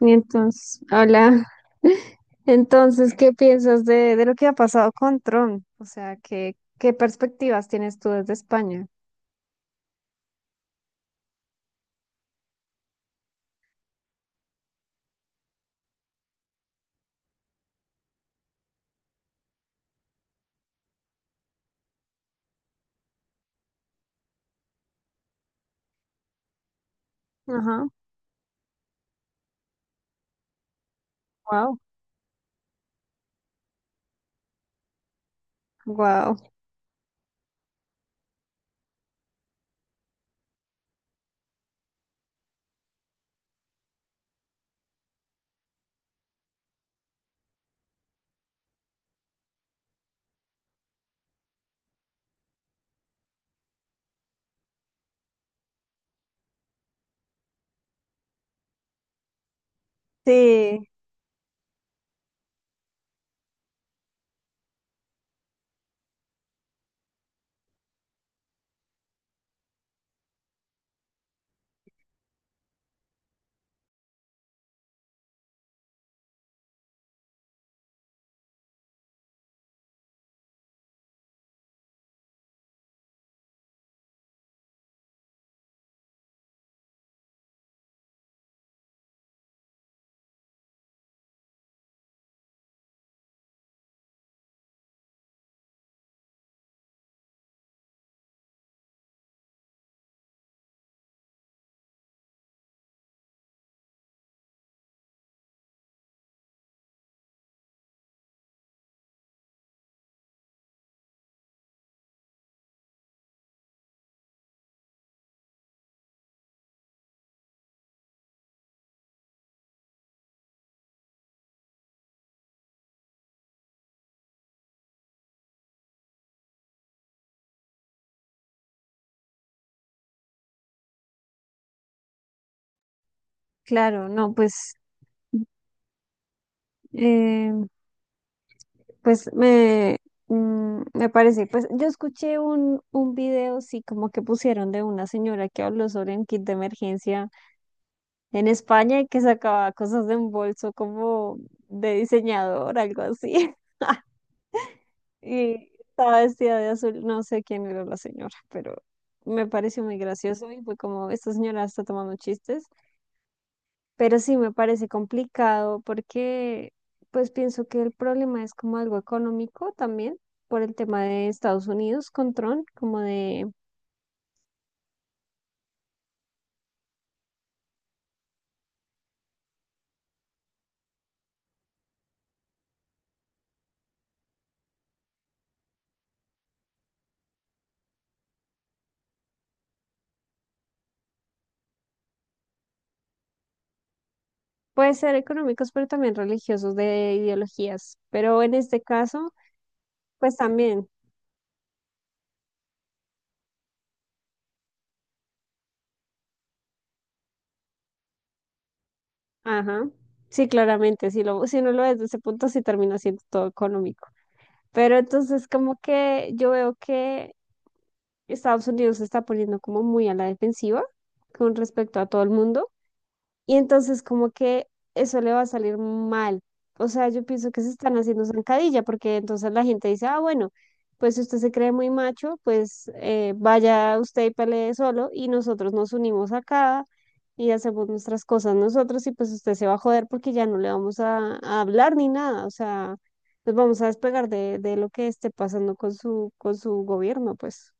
Y entonces, hola. Entonces, ¿qué piensas de lo que ha pasado con Trump? O sea, ¿qué perspectivas tienes tú desde España? Ajá, wow, wow. Sí, claro, no, pues, eh, pues me, me parece, pues yo escuché un video, sí, como que pusieron de una señora que habló sobre un kit de emergencia en España y que sacaba cosas de un bolso como de diseñador, algo así. Y estaba vestida de azul, no sé quién era la señora, pero me pareció muy gracioso y fue como, esta señora está tomando chistes, pero sí me parece complicado porque pues pienso que el problema es como algo económico también por el tema de Estados Unidos con Trump, puede ser económicos, pero también religiosos de ideologías, pero en este caso, pues también, ajá, sí, claramente, si lo, si no lo ves desde ese punto, sí termina siendo todo económico. Pero entonces como que yo veo que Estados Unidos se está poniendo como muy a la defensiva con respecto a todo el mundo. Y entonces como que eso le va a salir mal. O sea, yo pienso que se están haciendo zancadilla porque entonces la gente dice, ah, bueno, pues si usted se cree muy macho, pues vaya usted y pelee solo y nosotros nos unimos acá y hacemos nuestras cosas nosotros y pues usted se va a joder porque ya no le vamos a hablar ni nada. O sea, nos vamos a despegar de lo que esté pasando con con su gobierno, pues.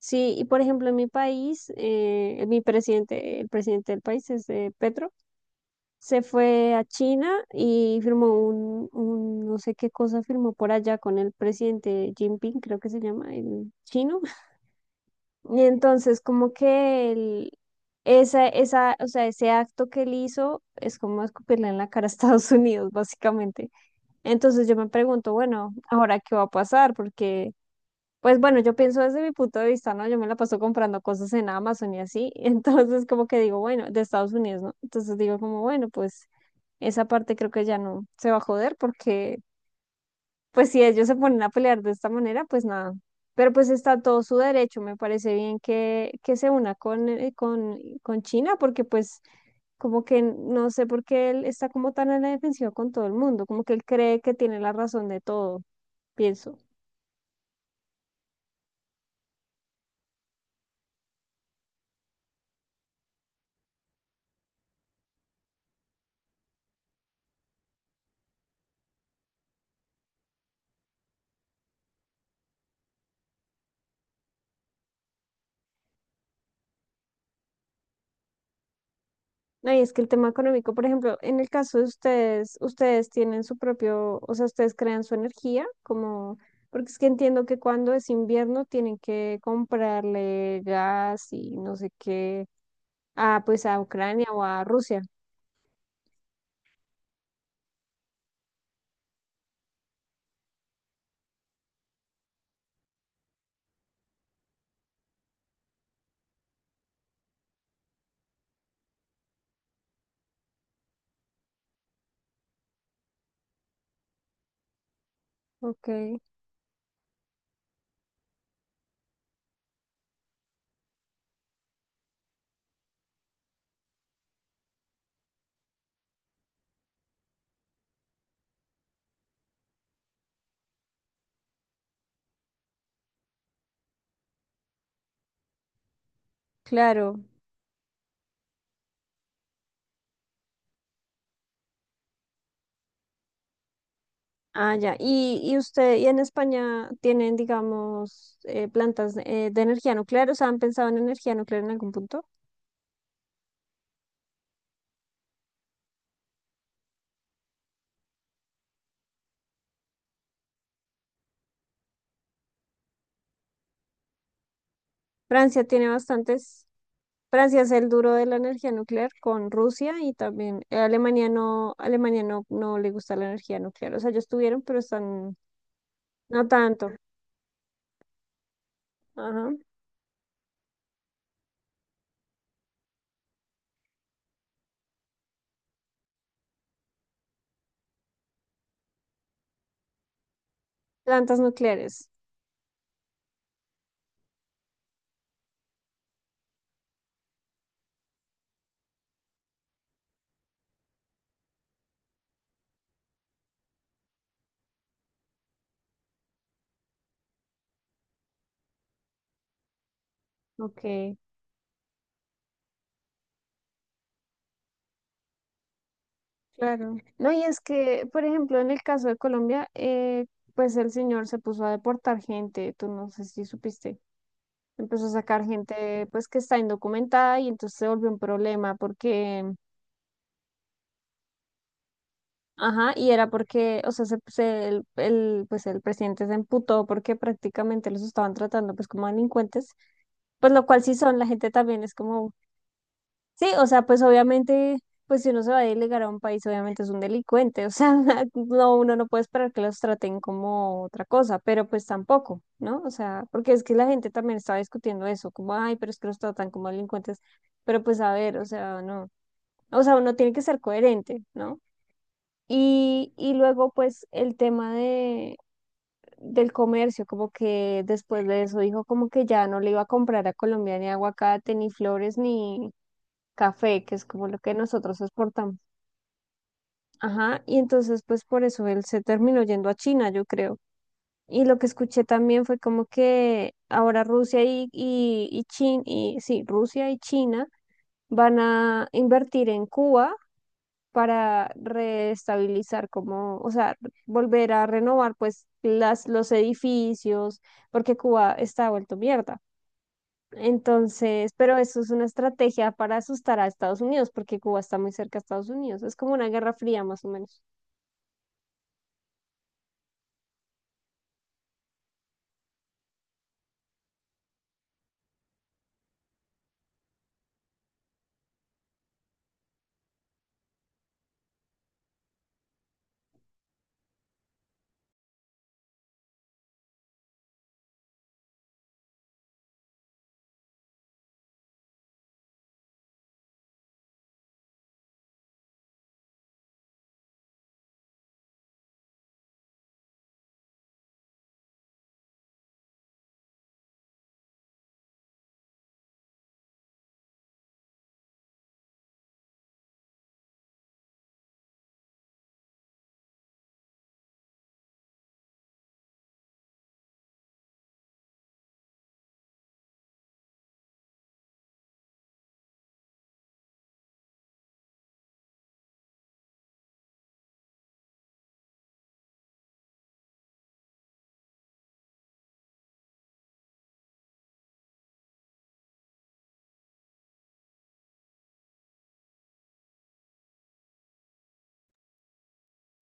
Sí, y por ejemplo en mi país, mi presidente, el presidente del país es Petro. Se fue a China y firmó un no sé qué cosa firmó por allá con el presidente Jinping, creo que se llama, el chino. Y entonces como que el, esa, o sea, Ese acto que él hizo es como escupirle en la cara a Estados Unidos, básicamente. Entonces yo me pregunto, bueno, ¿ahora qué va a pasar? Porque... Pues bueno, yo pienso desde mi punto de vista, ¿no? Yo me la paso comprando cosas en Amazon y así, entonces como que digo, bueno, de Estados Unidos, ¿no? Entonces digo como, bueno, pues esa parte creo que ya no se va a joder porque, pues si ellos se ponen a pelear de esta manera, pues nada. Pero pues está todo su derecho. Me parece bien que se una con China porque pues como que no sé por qué él está como tan en la defensiva con todo el mundo, como que él cree que tiene la razón de todo, pienso. No, y es que el tema económico, por ejemplo, en el caso de ustedes, ustedes tienen su propio, o sea, ustedes crean su energía, como, porque es que entiendo que cuando es invierno tienen que comprarle gas y no sé qué, ah, pues a Ucrania o a Rusia. Ok, claro. Ah, ya. Y usted, y en España tienen, digamos, plantas de energía nuclear, o sea, ¿han pensado en energía nuclear en algún punto? Francia tiene bastantes. Francia es el duro de la energía nuclear con Rusia y también Alemania no, no le gusta la energía nuclear. O sea, ellos tuvieron, pero están, no tanto. Ajá. Plantas nucleares. Ok, claro. No, y es que, por ejemplo, en el caso de Colombia, pues el señor se puso a deportar gente, tú no sé si supiste. Empezó a sacar gente pues que está indocumentada y entonces se volvió un problema porque ajá, y era porque, o sea, pues el presidente se emputó porque prácticamente los estaban tratando pues como delincuentes, pues lo cual sí son, la gente también es como, sí, o sea, pues obviamente, pues si uno se va a delegar a un país, obviamente es un delincuente, o sea, no, uno no puede esperar que los traten como otra cosa, pero pues tampoco, ¿no? O sea, porque es que la gente también estaba discutiendo eso, como, ay, pero es que los tratan como delincuentes, pero pues a ver, o sea, no, o sea, uno tiene que ser coherente, ¿no? Y luego pues el tema de, del comercio, como que después de eso dijo como que ya no le iba a comprar a Colombia ni aguacate, ni flores, ni café, que es como lo que nosotros exportamos. Ajá, y entonces pues por eso él se terminó yendo a China, yo creo. Y lo que escuché también fue como que ahora Rusia y sí, Rusia y China van a invertir en Cuba para reestabilizar como, o sea, volver a renovar pues las, los edificios, porque Cuba está vuelto mierda. Entonces, pero eso es una estrategia para asustar a Estados Unidos, porque Cuba está muy cerca a Estados Unidos. Es como una guerra fría más o menos.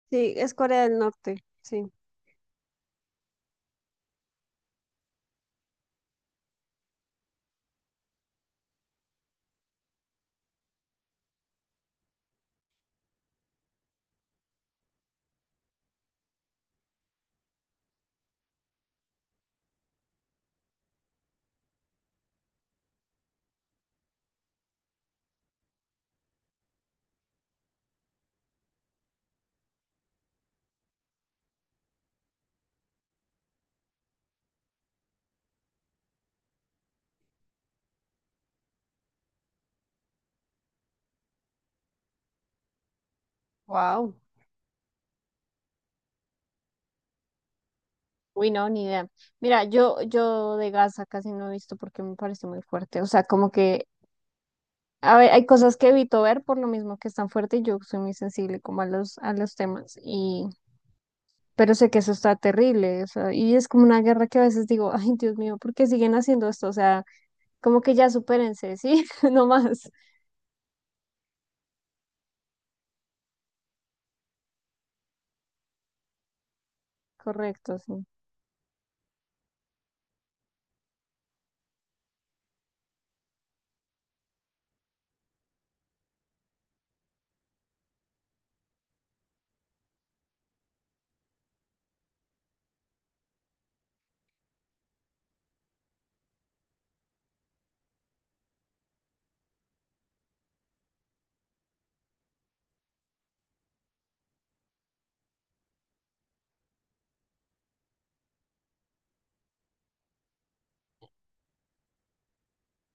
Sí, es Corea del Norte, sí. Wow. Uy, no, ni idea. Mira, yo de Gaza casi no he visto porque me parece muy fuerte. O sea, como que a ver, hay cosas que evito ver por lo mismo que es tan fuerte y yo soy muy sensible como a a los temas y pero sé que eso está terrible, o sea, y es como una guerra que a veces digo, ay, Dios mío, ¿por qué siguen haciendo esto? O sea, como que ya supérense, ¿sí? No más. Correcto, sí.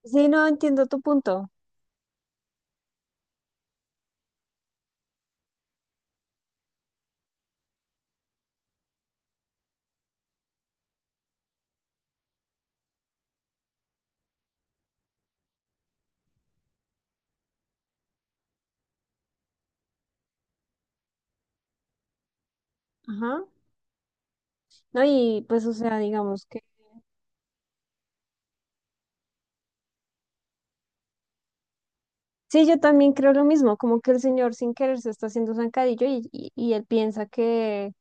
Sí, no entiendo tu punto. Ajá. No, y pues, o sea, digamos que sí, yo también creo lo mismo, como que el señor sin querer se está haciendo zancadillo y él piensa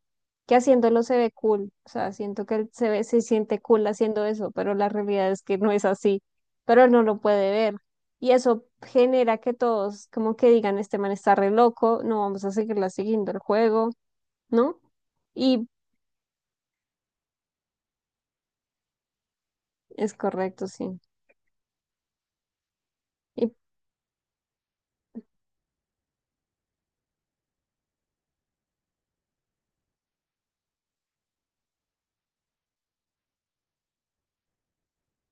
que haciéndolo se ve cool, o sea, siento que él se ve, se siente cool haciendo eso, pero la realidad es que no es así, pero él no lo puede ver. Y eso genera que todos como que digan, este man está re loco, no vamos a seguirla siguiendo el juego, ¿no? Y es correcto, sí. Y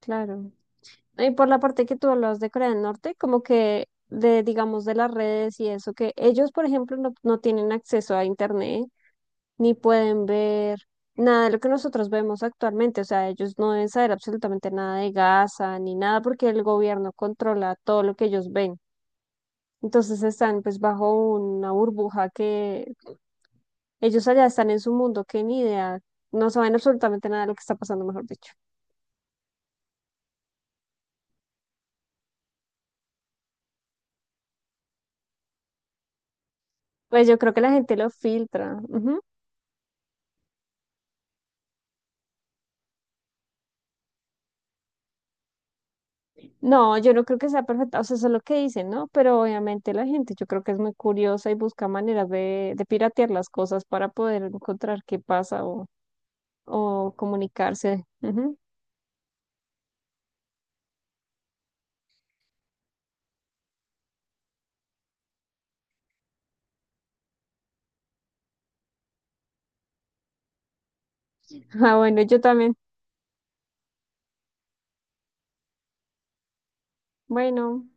claro. Y por la parte que tú hablabas de Corea del Norte, como que de, digamos, de las redes y eso, que ellos, por ejemplo, no tienen acceso a internet ni pueden ver nada de lo que nosotros vemos actualmente. O sea, ellos no deben saber absolutamente nada de Gaza ni nada porque el gobierno controla todo lo que ellos ven. Entonces están pues bajo una burbuja que ellos allá están en su mundo que ni idea, no saben absolutamente nada de lo que está pasando, mejor dicho. Pues yo creo que la gente lo filtra. Ujú. No, yo no creo que sea perfecta, o sea, eso es lo que dicen, ¿no? Pero obviamente la gente yo creo que es muy curiosa y busca maneras de piratear las cosas para poder encontrar qué pasa o comunicarse. Ujú. Ah, bueno, yo también. Bueno.